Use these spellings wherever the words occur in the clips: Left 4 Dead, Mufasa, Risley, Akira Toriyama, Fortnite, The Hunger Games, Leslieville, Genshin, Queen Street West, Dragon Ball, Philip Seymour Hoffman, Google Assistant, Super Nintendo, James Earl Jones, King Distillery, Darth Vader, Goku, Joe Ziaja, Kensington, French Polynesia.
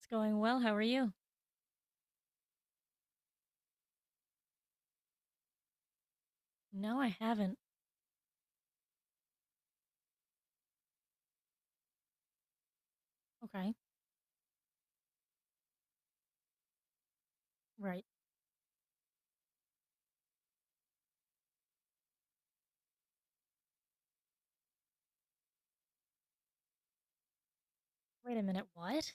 It's going well. How are you? No, I haven't. Okay. Right. Wait a minute. What?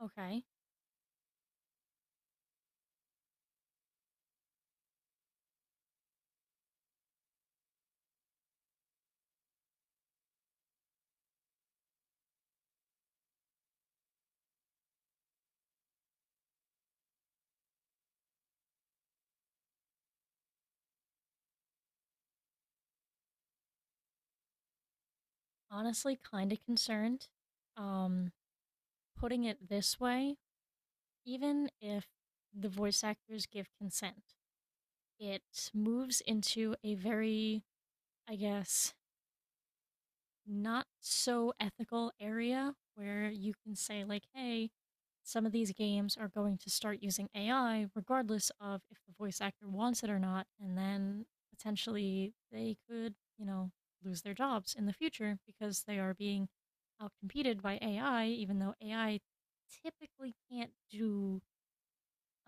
Okay. Honestly, kind of concerned. Um, putting it this way, even if the voice actors give consent, it moves into a very, I guess, not so ethical area where you can say, like, hey, some of these games are going to start using AI regardless of if the voice actor wants it or not. And then potentially they could, you know, lose their jobs in the future because they are being outcompeted by AI, even though AI typically can't do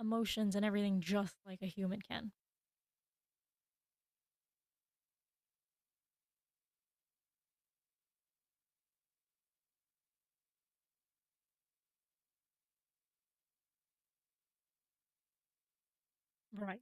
emotions and everything just like a human can. Right,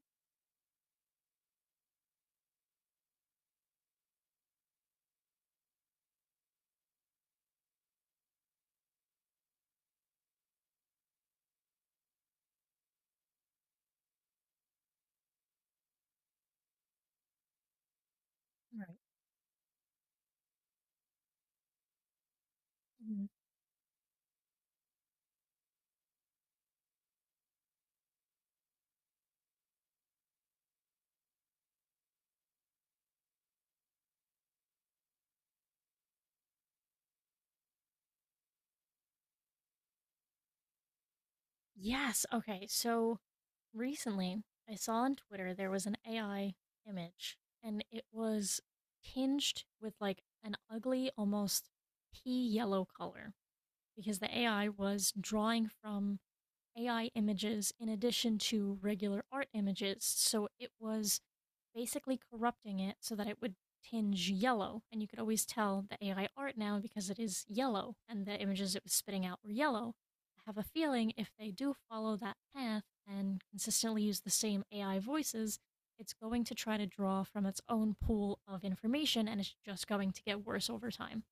right. Yes. Okay. So recently I saw on Twitter there was an AI image, and it was tinged with, like, an ugly, almost pea yellow color because the AI was drawing from AI images in addition to regular art images. So it was basically corrupting it so that it would tinge yellow. And you could always tell the AI art now because it is yellow, and the images it was spitting out were yellow. I have a feeling if they do follow that path and consistently use the same AI voices, it's going to try to draw from its own pool of information and it's just going to get worse over time.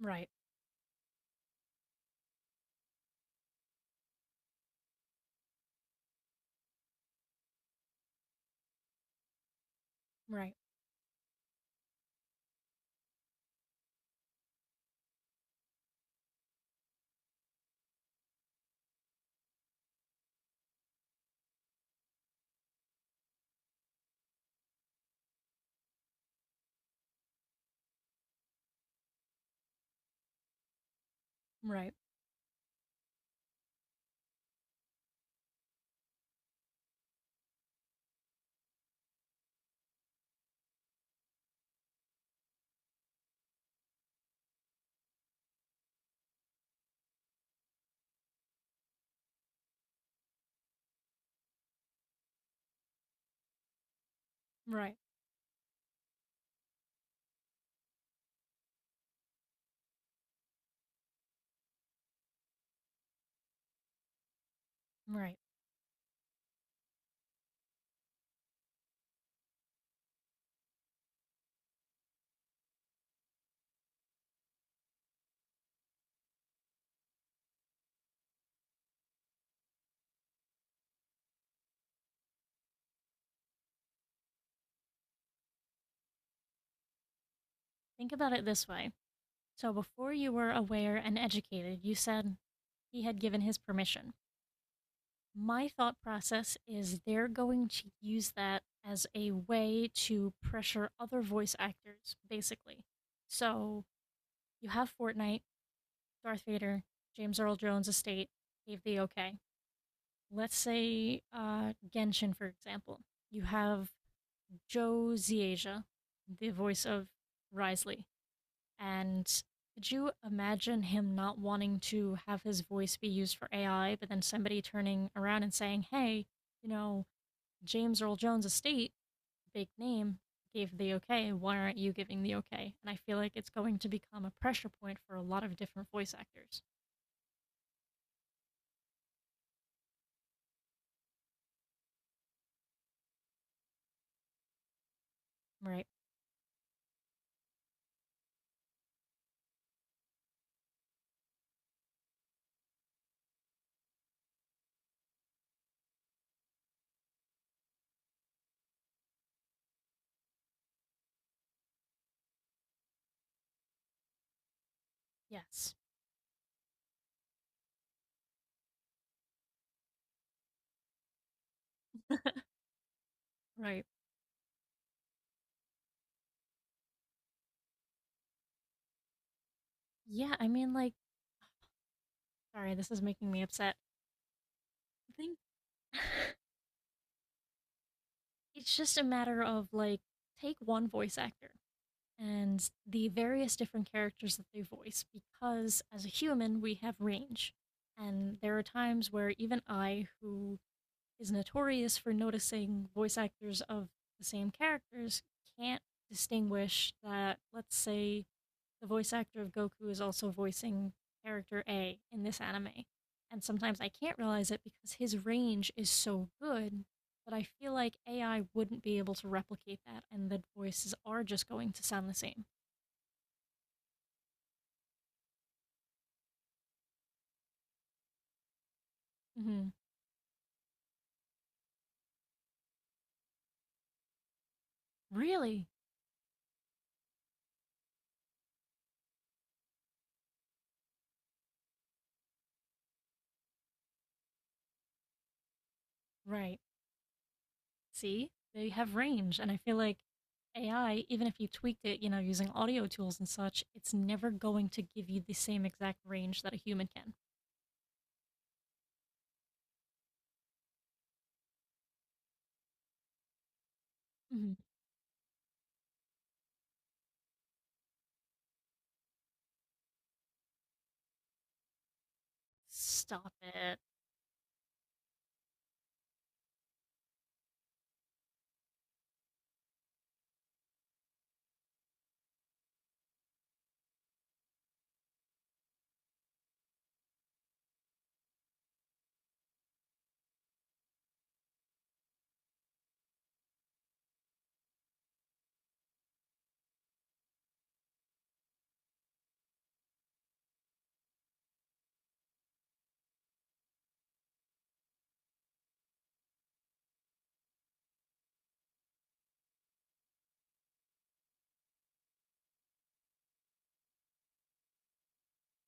Right, right, right, right, right. Think about it this way. So before you were aware and educated, you said he had given his permission. My thought process is they're going to use that as a way to pressure other voice actors, basically. So you have Fortnite, Darth Vader, James Earl Jones' estate gave the okay. Let's say, Genshin, for example. You have Joe Ziaja, the voice of Risley, and could you imagine him not wanting to have his voice be used for AI, but then somebody turning around and saying, hey, you know, James Earl Jones estate, big name, gave the okay. Why aren't you giving the okay? And I feel like it's going to become a pressure point for a lot of different voice actors. Right. Yes. Right. Yeah, I mean, like, sorry, this is making me upset. I think it's just a matter of, like, take one voice actor and the various different characters that they voice, because as a human, we have range. And there are times where even I, who is notorious for noticing voice actors of the same characters, can't distinguish that, let's say, the voice actor of Goku is also voicing character A in this anime. And sometimes I can't realize it because his range is so good that I feel like AI wouldn't be able to replicate that, and the voices are just going to sound the same. Hmm. Really? Right. See, they have range, and I feel like AI, even if you tweaked it, you know, using audio tools and such, it's never going to give you the same exact range that a human can. Hmm. Stop it.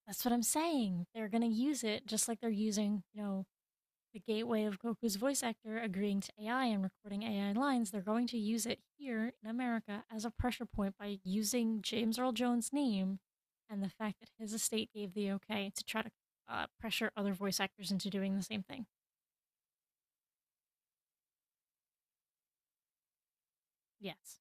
That's what I'm saying. They're going to use it just like they're using, you know, the gateway of Goku's voice actor agreeing to AI and recording AI lines. They're going to use it here in America as a pressure point by using James Earl Jones' name and the fact that his estate gave the okay to try to pressure other voice actors into doing the same thing. Yes.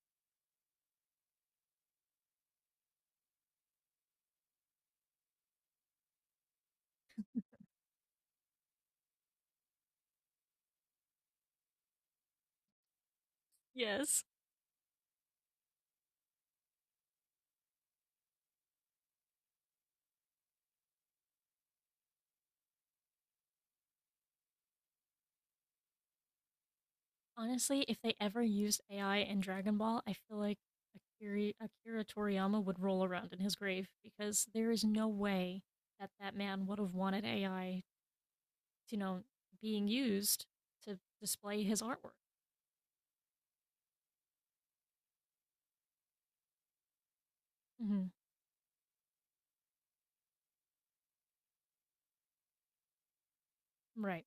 Yes. Honestly, if they ever used AI in Dragon Ball, I feel like Akira Toriyama would roll around in his grave because there is no way that that man would have wanted AI, you know, being used to display his artwork. Hmm. Right.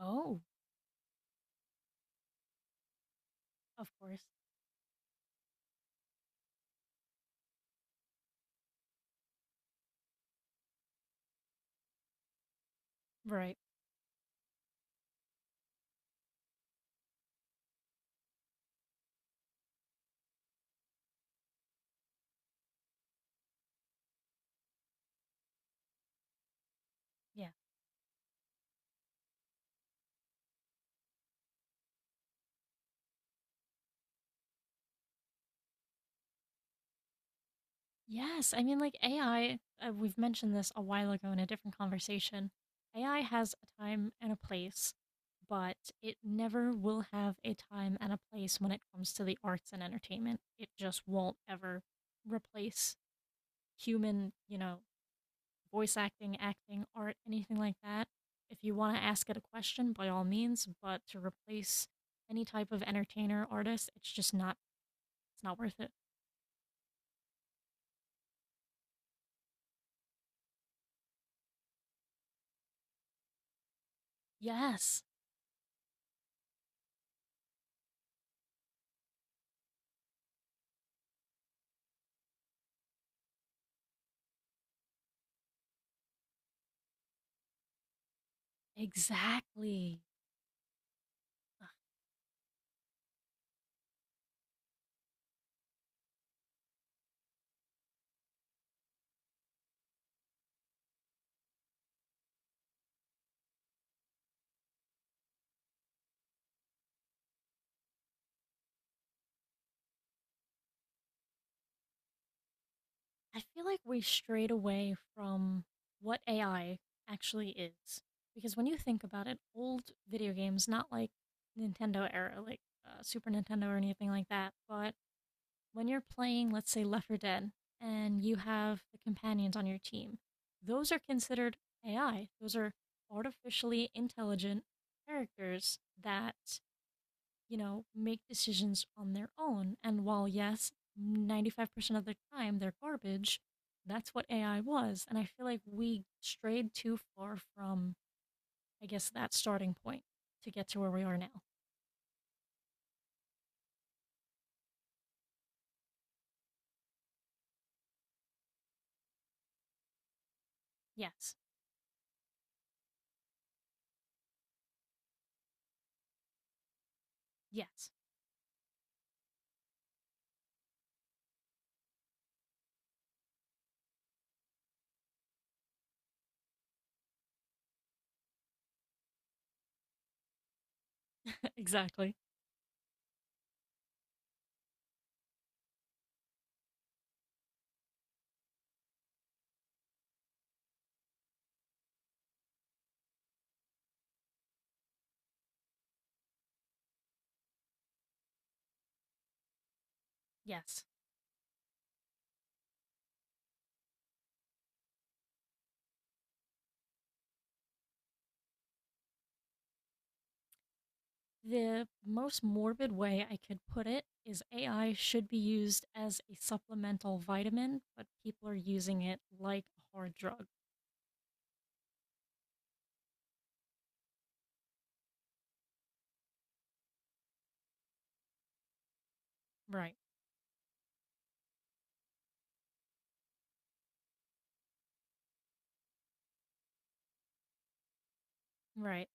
Oh, of course. Right. Yeah. Yes, I mean, like AI, we've mentioned this a while ago in a different conversation. AI has a time and a place, but it never will have a time and a place when it comes to the arts and entertainment. It just won't ever replace human, you know, voice acting, acting, art, anything like that. If you want to ask it a question, by all means, but to replace any type of entertainer, artist, it's just not, it's not worth it. Yes, exactly. I feel like we strayed away from what AI actually is. Because when you think about it, old video games, not like Nintendo era, like Super Nintendo or anything like that, but when you're playing, let's say, Left 4 Dead, and you have the companions on your team, those are considered AI. Those are artificially intelligent characters that, you know, make decisions on their own. And while, yes, 95% of the time they're garbage, that's what AI was. And I feel like we strayed too far from, I guess, that starting point to get to where we are now. Yes. Yes. Exactly. Yes. The most morbid way I could put it is AI should be used as a supplemental vitamin, but people are using it like a hard drug. Right. Right.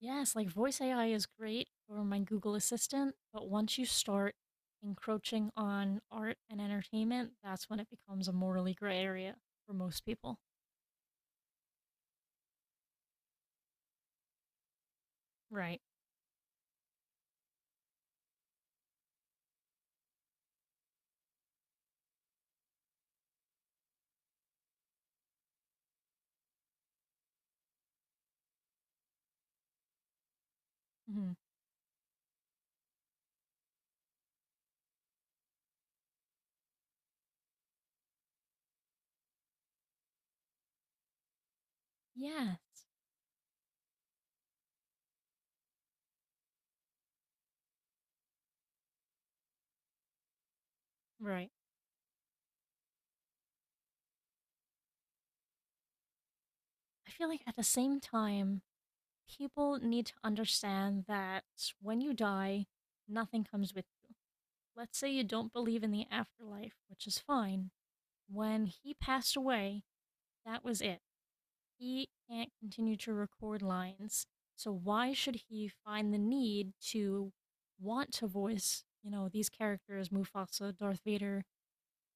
Yes, like voice AI is great for my Google Assistant, but once you start encroaching on art and entertainment, that's when it becomes a morally gray area for most people. Right. Hmm. Yes, right. I feel like at the same time, people need to understand that when you die, nothing comes with you. Let's say you don't believe in the afterlife, which is fine. When he passed away, that was it. He can't continue to record lines. So why should he find the need to want to voice, you know, these characters, Mufasa, Darth Vader,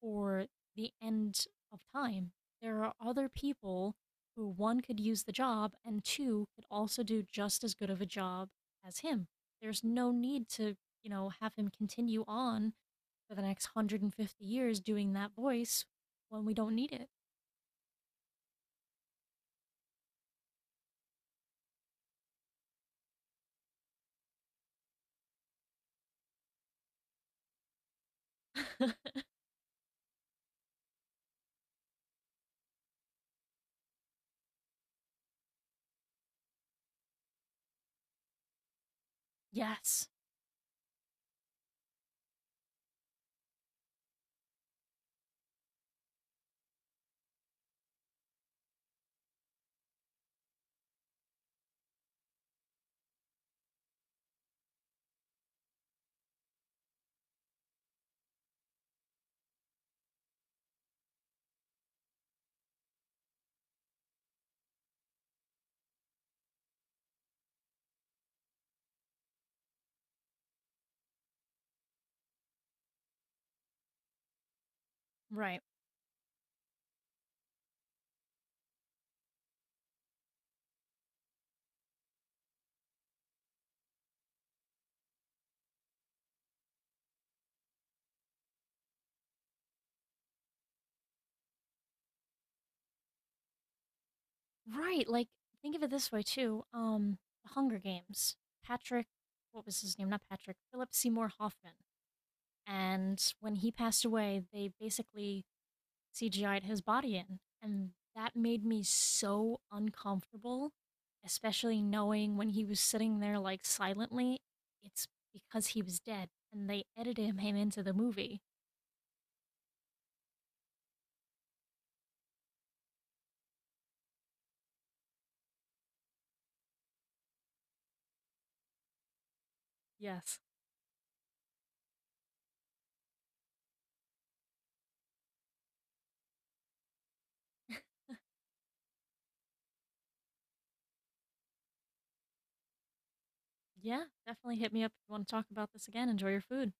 or the end of time? There are other people who one could use the job and two could also do just as good of a job as him. There's no need to, you know, have him continue on for the next 150 years doing that voice when we don't need it. Yes, right. Right, like, think of it this way too, The Hunger Games, Patrick, what was his name? Not Patrick, Philip Seymour Hoffman, and when he passed away, they basically CGI'd his body in, and that made me so uncomfortable, especially knowing when he was sitting there, like, silently, it's because he was dead, and they edited him into the movie. Yes. Yeah, definitely hit me up if you wanna talk about this again, enjoy your food.